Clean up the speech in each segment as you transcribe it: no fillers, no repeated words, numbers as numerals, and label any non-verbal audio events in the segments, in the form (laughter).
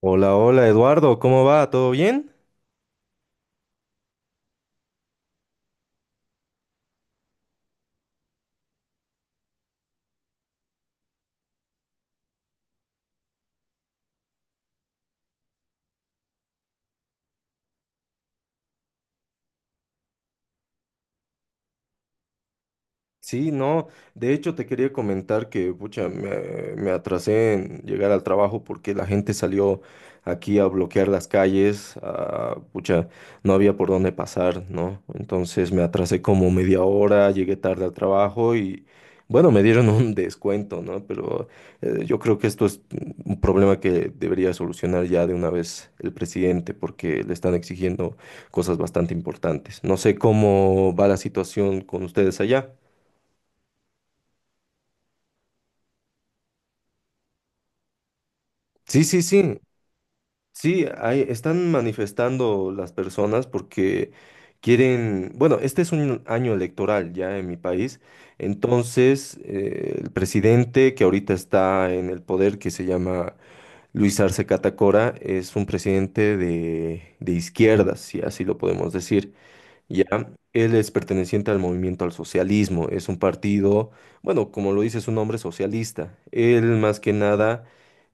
Hola, hola Eduardo, ¿cómo va? ¿Todo bien? Sí, no, de hecho te quería comentar que, pucha, me atrasé en llegar al trabajo porque la gente salió aquí a bloquear las calles, ah, pucha, no había por dónde pasar, ¿no? Entonces me atrasé como media hora, llegué tarde al trabajo y, bueno, me dieron (laughs) un descuento, ¿no? Pero yo creo que esto es un problema que debería solucionar ya de una vez el presidente porque le están exigiendo cosas bastante importantes. No sé cómo va la situación con ustedes allá. Sí, sí, sí, sí, ahí están manifestando las personas porque quieren, bueno, este es un año electoral ya en mi país, entonces el presidente que ahorita está en el poder, que se llama Luis Arce Catacora, es un presidente de izquierdas, si así lo podemos decir. Ya, él es perteneciente al movimiento al socialismo, es un partido, bueno, como lo dice su nombre, socialista. Él más que nada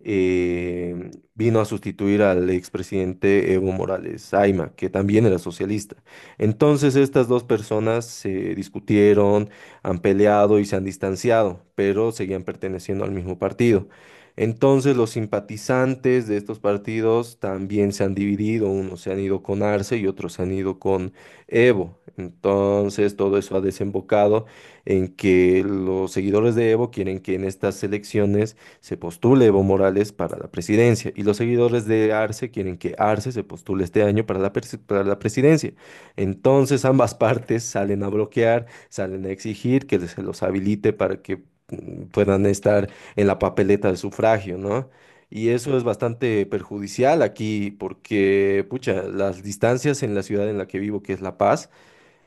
vino a sustituir al expresidente Evo Morales Aima, que también era socialista. Entonces estas dos personas se discutieron, han peleado y se han distanciado, pero seguían perteneciendo al mismo partido. Entonces los simpatizantes de estos partidos también se han dividido, unos se han ido con Arce y otros se han ido con Evo. Entonces, todo eso ha desembocado en que los seguidores de Evo quieren que en estas elecciones se postule Evo Morales para la presidencia y los seguidores de Arce quieren que Arce se postule este año para la, para la presidencia. Entonces, ambas (laughs) partes salen a bloquear, salen a exigir que se los habilite para que puedan estar en la papeleta de sufragio, ¿no? Y eso es bastante perjudicial aquí porque, pucha, las distancias en la ciudad en la que vivo, que es La Paz,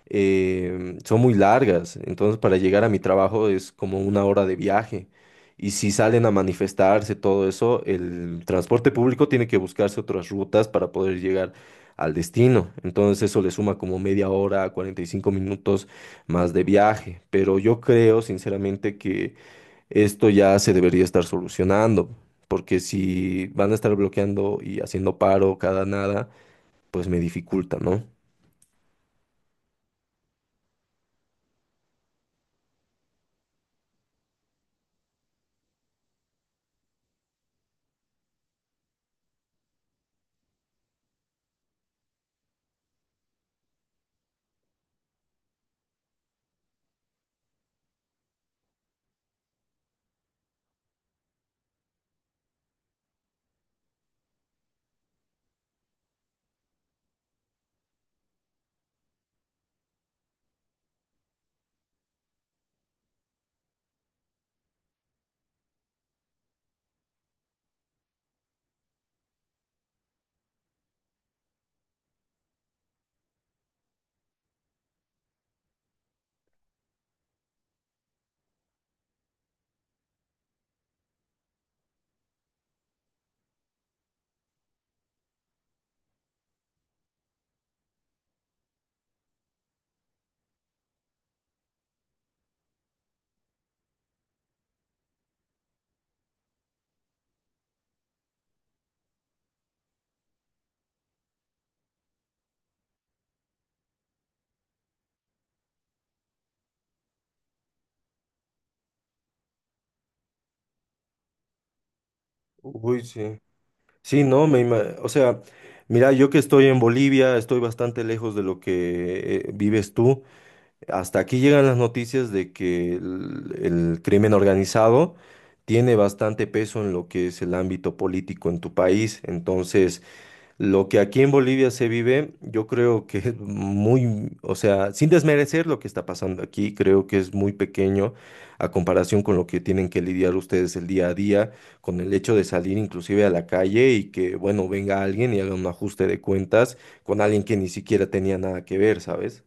son muy largas. Entonces, para llegar a mi trabajo es como una hora de viaje. Y si salen a manifestarse, todo eso, el transporte público tiene que buscarse otras rutas para poder llegar al destino. Entonces, eso le suma como media hora, 45 minutos más de viaje. Pero yo creo, sinceramente, que esto ya se debería estar solucionando, porque si van a estar bloqueando y haciendo paro cada nada, pues me dificulta, ¿no? Uy, sí. Sí, no, me, o sea, mira, yo que estoy en Bolivia, estoy bastante lejos de lo que vives tú. Hasta aquí llegan las noticias de que el crimen organizado tiene bastante peso en lo que es el ámbito político en tu país. Entonces, lo que aquí en Bolivia se vive, yo creo que es muy, o sea, sin desmerecer lo que está pasando aquí, creo que es muy pequeño a comparación con lo que tienen que lidiar ustedes el día a día, con el hecho de salir inclusive a la calle y que, bueno, venga alguien y haga un ajuste de cuentas con alguien que ni siquiera tenía nada que ver, ¿sabes?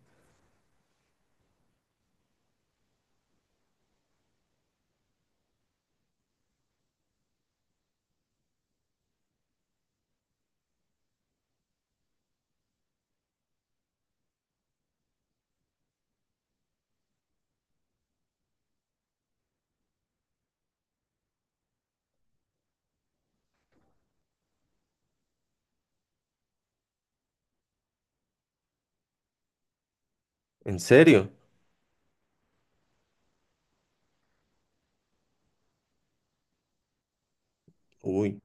¿En serio? Uy,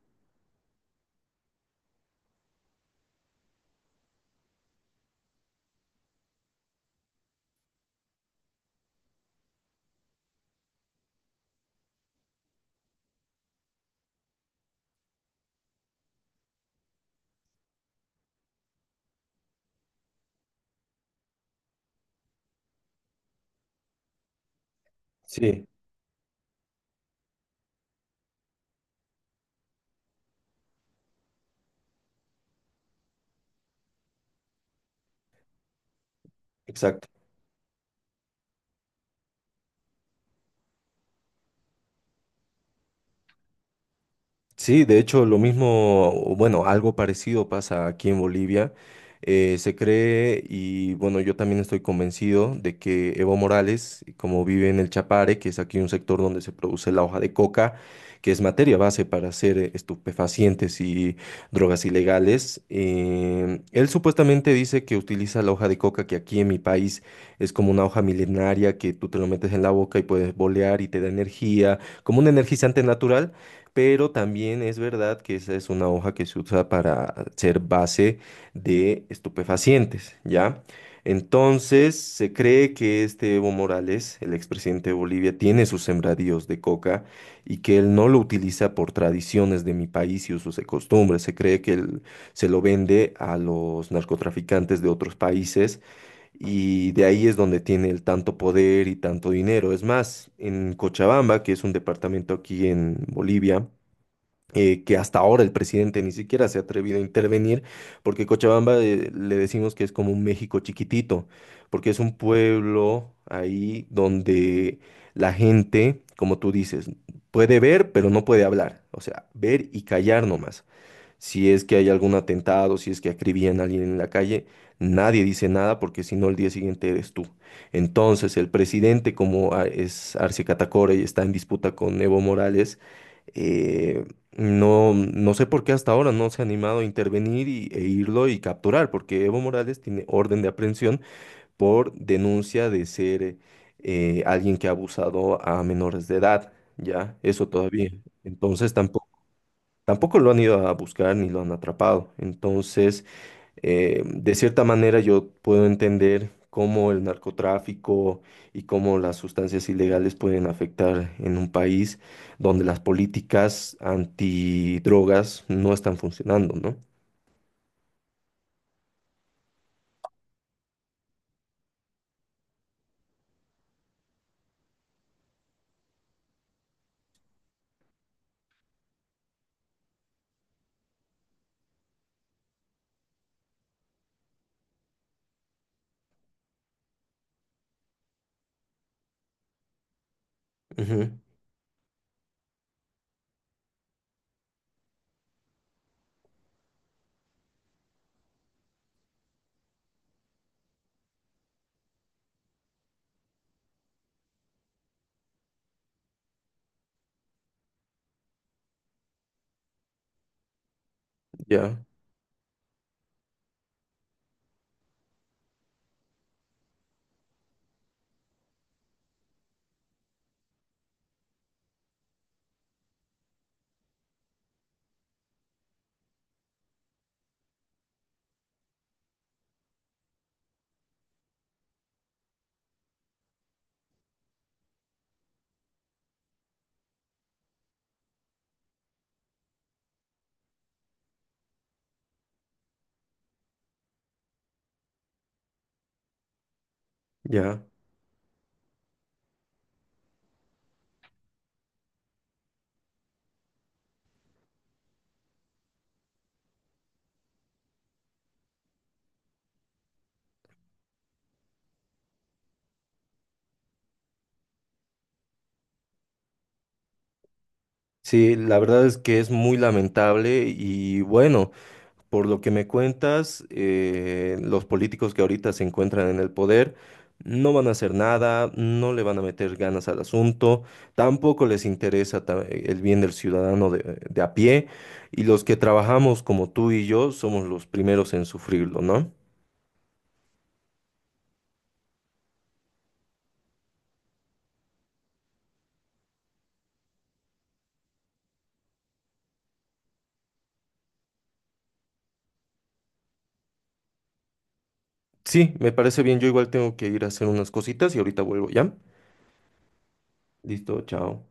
sí, exacto. Sí, de hecho, lo mismo, o bueno, algo parecido pasa aquí en Bolivia. Se cree, y bueno, yo también estoy convencido de que Evo Morales, como vive en el Chapare, que es aquí un sector donde se produce la hoja de coca, que es materia base para hacer estupefacientes y drogas ilegales, él supuestamente dice que utiliza la hoja de coca, que aquí en mi país es como una hoja milenaria que tú te lo metes en la boca y puedes bolear y te da energía, como un energizante natural. Pero también es verdad que esa es una hoja que se usa para ser base de estupefacientes, ¿ya? Entonces, se cree que este Evo Morales, el expresidente de Bolivia, tiene sus sembradíos de coca y que él no lo utiliza por tradiciones de mi país y usos y costumbres. Se cree que él se lo vende a los narcotraficantes de otros países y de ahí es donde tiene el tanto poder y tanto dinero. Es más, en Cochabamba, que es un departamento aquí en Bolivia, que hasta ahora el presidente ni siquiera se ha atrevido a intervenir, porque Cochabamba le decimos que es como un México chiquitito, porque es un pueblo ahí donde la gente, como tú dices, puede ver, pero no puede hablar, o sea, ver y callar nomás. Si es que hay algún atentado, si es que acribillan a alguien en la calle, nadie dice nada porque si no el día siguiente eres tú. Entonces el presidente, como es Arce Catacora y está en disputa con Evo Morales, eh, no, no sé por qué hasta ahora no se ha animado a intervenir y, e irlo y capturar, porque Evo Morales tiene orden de aprehensión por denuncia de ser alguien que ha abusado a menores de edad, ¿ya? Eso todavía. Entonces tampoco... Tampoco lo han ido a buscar ni lo han atrapado. Entonces, de cierta manera yo puedo entender cómo el narcotráfico y cómo las sustancias ilegales pueden afectar en un país donde las políticas antidrogas no están funcionando, ¿no? Ujú, ya, ya. Sí, la verdad es que es muy lamentable y bueno. Por lo que me cuentas, los políticos que ahorita se encuentran en el poder no van a hacer nada, no le van a meter ganas al asunto, tampoco les interesa el bien del ciudadano de a pie, y los que trabajamos como tú y yo somos los primeros en sufrirlo, ¿no? Sí, me parece bien, yo igual tengo que ir a hacer unas cositas y ahorita vuelvo, ¿ya? Listo, chao.